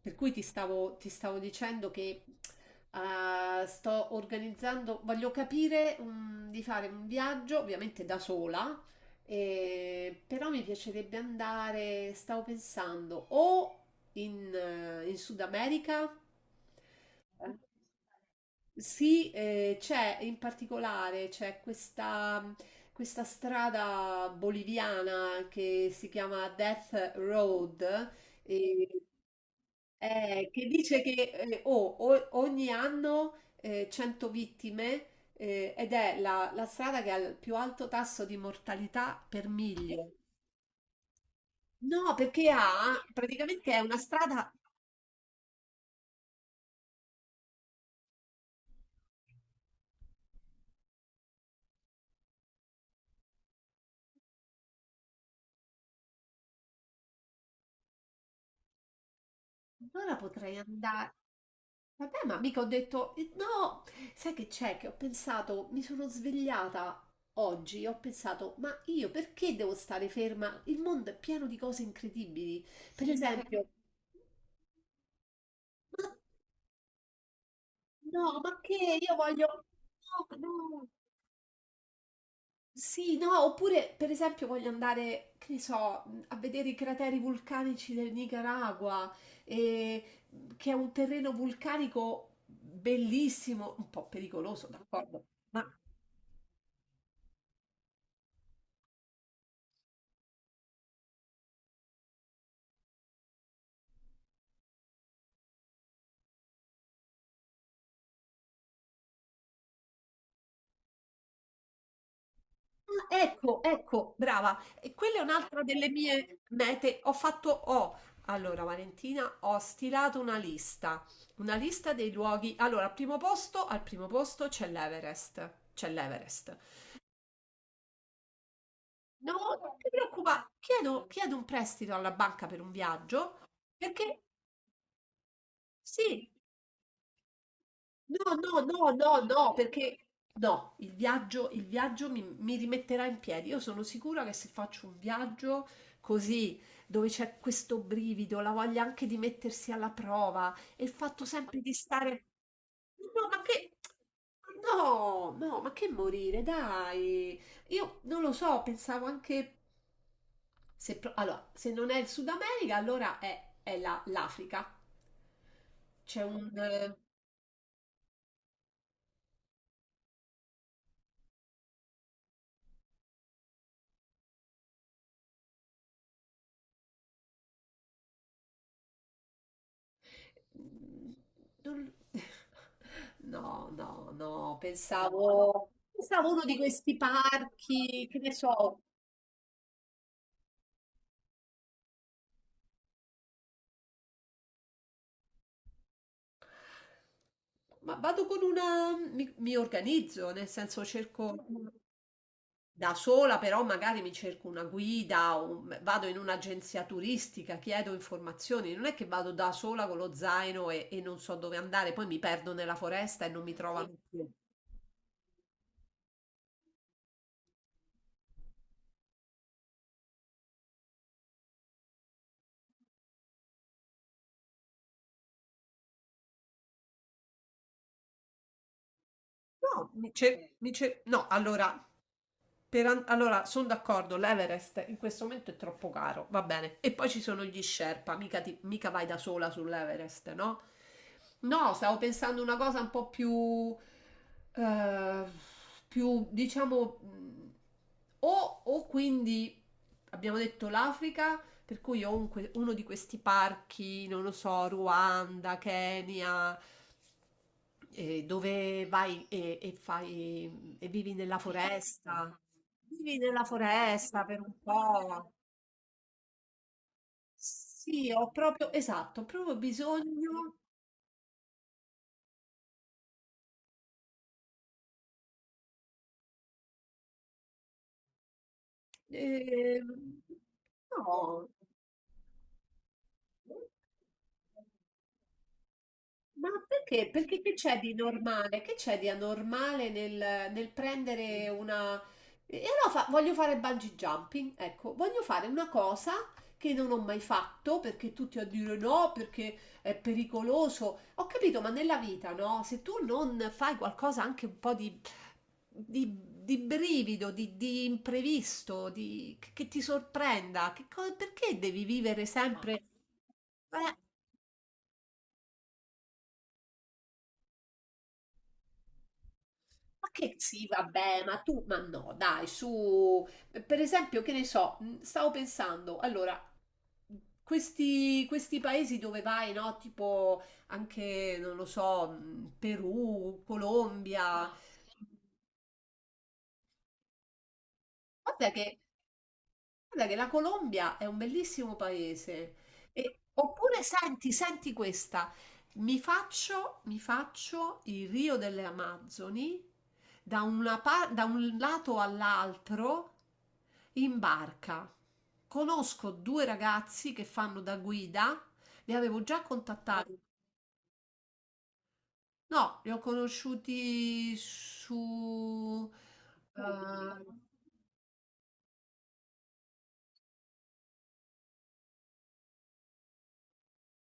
Per cui ti stavo dicendo che sto organizzando, voglio capire di fare un viaggio, ovviamente da sola, però mi piacerebbe andare, stavo pensando, o in Sud America. Sì, c'è in particolare c'è questa strada boliviana che si chiama Death Road. E che dice che ogni anno 100 vittime ed è la strada che ha il più alto tasso di mortalità per miglio. No, perché ha praticamente è una strada. Allora potrei andare. Vabbè, ma mica ho detto no. Sai che c'è? Che ho pensato, mi sono svegliata. Oggi ho pensato, ma io perché devo stare ferma? Il mondo è pieno di cose incredibili. Per esempio, no, ma che io voglio, no, no, sì, no, oppure per esempio voglio andare, che ne so, a vedere i crateri vulcanici del Nicaragua, e- che è un terreno vulcanico bellissimo, un po' pericoloso, d'accordo, ma ecco, ecco, brava, e quella è un'altra delle mie mete. Allora Valentina, ho stilato una lista, dei luoghi. Allora, al primo posto c'è l'Everest, c'è l'Everest. No, non ti preoccupare, chiedo un prestito alla banca per un viaggio, perché sì. No, no, no, no, no, perché no, il viaggio mi rimetterà in piedi. Io sono sicura che se faccio un viaggio così, dove c'è questo brivido, la voglia anche di mettersi alla prova e il fatto sempre di stare... No, ma che... No, no, ma che morire, dai. Io non lo so, pensavo anche... Se, allora, se non è il Sud America, allora è l'Africa. C'è un... Non- No, no, no, pensavo uno di questi parchi, che ne so. Ma vado con una, mi organizzo, nel senso cerco da sola, però magari mi cerco una guida, o vado in un'agenzia turistica, chiedo informazioni, non è che vado da sola con lo zaino e non so dove andare, poi mi perdo nella foresta e non mi trovano più. No, no, allora, sono d'accordo, l'Everest in questo momento è troppo caro, va bene. E poi ci sono gli Sherpa, mica vai da sola sull'Everest, no? No, stavo pensando una cosa un po' più, eh, più diciamo, o quindi abbiamo detto l'Africa, per cui o uno di questi parchi, non lo so, Ruanda, Kenya, dove vai e fai e vivi nella foresta. Vivi nella foresta per un po'. Sì, ho proprio, esatto, ho proprio bisogno. Eh, no. Ma perché? Perché che c'è di normale? Che c'è di anormale nel, prendere una... E allora voglio fare bungee jumping, ecco, voglio fare una cosa che non ho mai fatto perché tutti a dire no, perché è pericoloso. Ho capito, ma nella vita, no? Se tu non fai qualcosa anche un po' di, di brivido, di imprevisto, di, che ti sorprenda, perché devi vivere sempre... Ma che sì, vabbè, ma tu, ma no, dai, su, per esempio, che ne so, stavo pensando, allora, questi paesi dove vai, no? Tipo anche, non lo so, Perù, Colombia. Guarda che Guarda che la Colombia è un bellissimo paese. Oppure senti, senti questa, mi faccio il Rio delle Amazzoni da, da un lato all'altro in barca. Conosco due ragazzi che fanno da guida, li avevo già contattati. No, li ho conosciuti su... eh,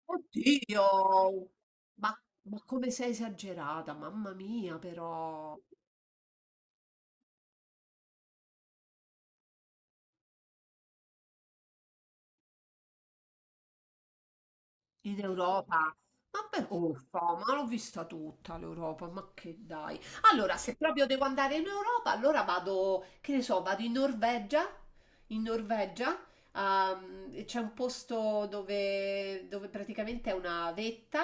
Oddio, ma, ma come sei esagerata, mamma mia, però. In Europa? Vabbè, uffa, ma l'ho vista tutta l'Europa, ma che dai. Allora, se proprio devo andare in Europa, allora vado, che ne so, vado in Norvegia. In Norvegia, c'è un posto dove praticamente è una vetta,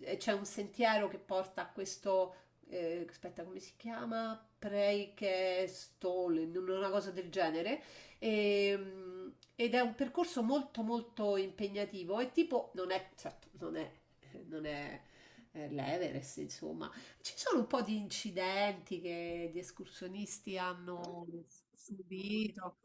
e c'è un sentiero che porta a questo, aspetta, come si chiama? Preikestolen, una cosa del genere ed è un percorso molto molto impegnativo e tipo non è, certo, non è l'Everest, insomma, ci sono un po' di incidenti che gli escursionisti hanno subito.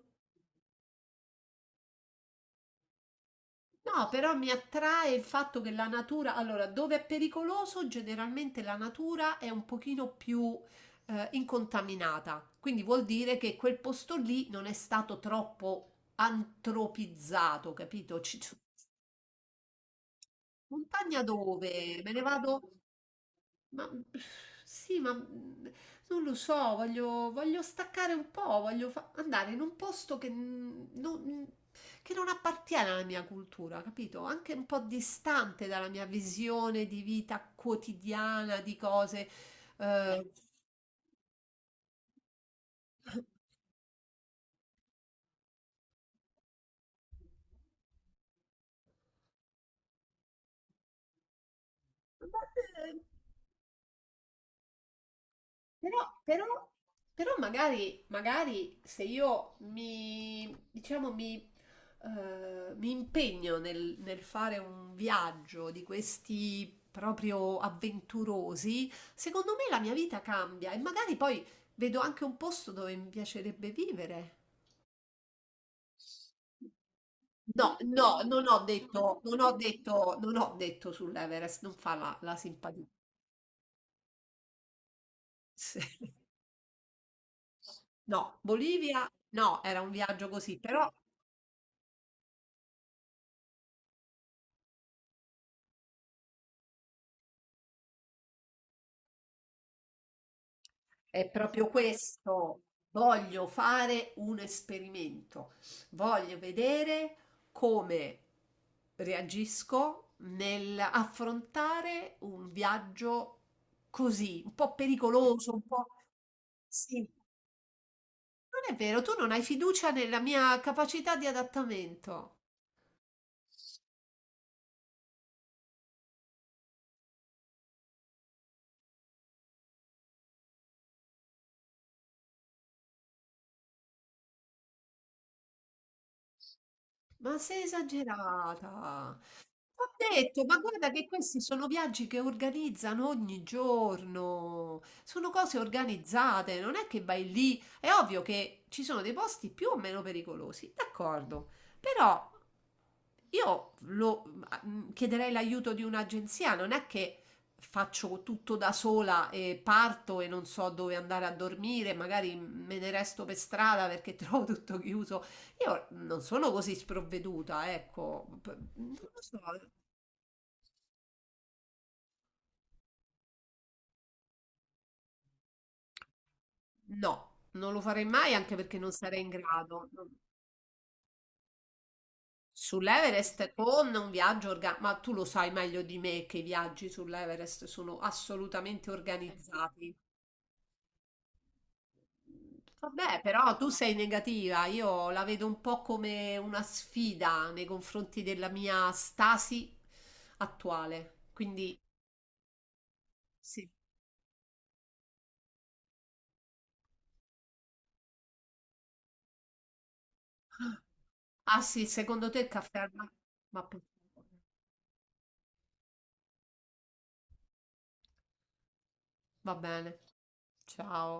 No, però mi attrae il fatto che la natura, allora, dove è pericoloso, generalmente la natura è un pochino più incontaminata, quindi vuol dire che quel posto lì non è stato troppo antropizzato, capito? Montagna dove? Me ne vado? Ma sì, ma non lo so, voglio, staccare un po', voglio andare in un posto che non appartiene alla mia cultura, capito? Anche un po' distante dalla mia visione di vita quotidiana, di cose. eh, Però, però- però magari se io mi, diciamo, mi impegno nel fare un viaggio di questi proprio avventurosi, secondo me la mia vita cambia e magari poi vedo anche un posto dove mi piacerebbe vivere. No, no, non ho detto, non ho detto, non ho detto sull'Everest, non fa la simpatia. No, Bolivia, no, era un viaggio così, però... È proprio questo. Voglio fare un esperimento. Voglio vedere come reagisco nell'affrontare un viaggio così, un po' pericoloso, un po'... Sì, non è vero, tu non hai fiducia nella mia capacità di adattamento. Ma sei esagerata. Ho detto, ma guarda che questi sono viaggi che organizzano ogni giorno, sono cose organizzate, non è che vai lì, è ovvio che ci sono dei posti più o meno pericolosi, d'accordo, però io lo, chiederei l'aiuto di un'agenzia, non è che faccio tutto da sola e parto e non so dove andare a dormire, magari me ne resto per strada perché trovo tutto chiuso. Io non sono così sprovveduta, ecco, non lo so, no, non lo farei mai anche perché non sarei in grado. Sull'Everest con un viaggio organizzato, ma tu lo sai meglio di me che i viaggi sull'Everest sono assolutamente organizzati. Vabbè, però tu sei negativa, io la vedo un po' come una sfida nei confronti della mia stasi attuale. Quindi sì. Ah sì, secondo te il caffè al ma per favore. Va bene. Ciao.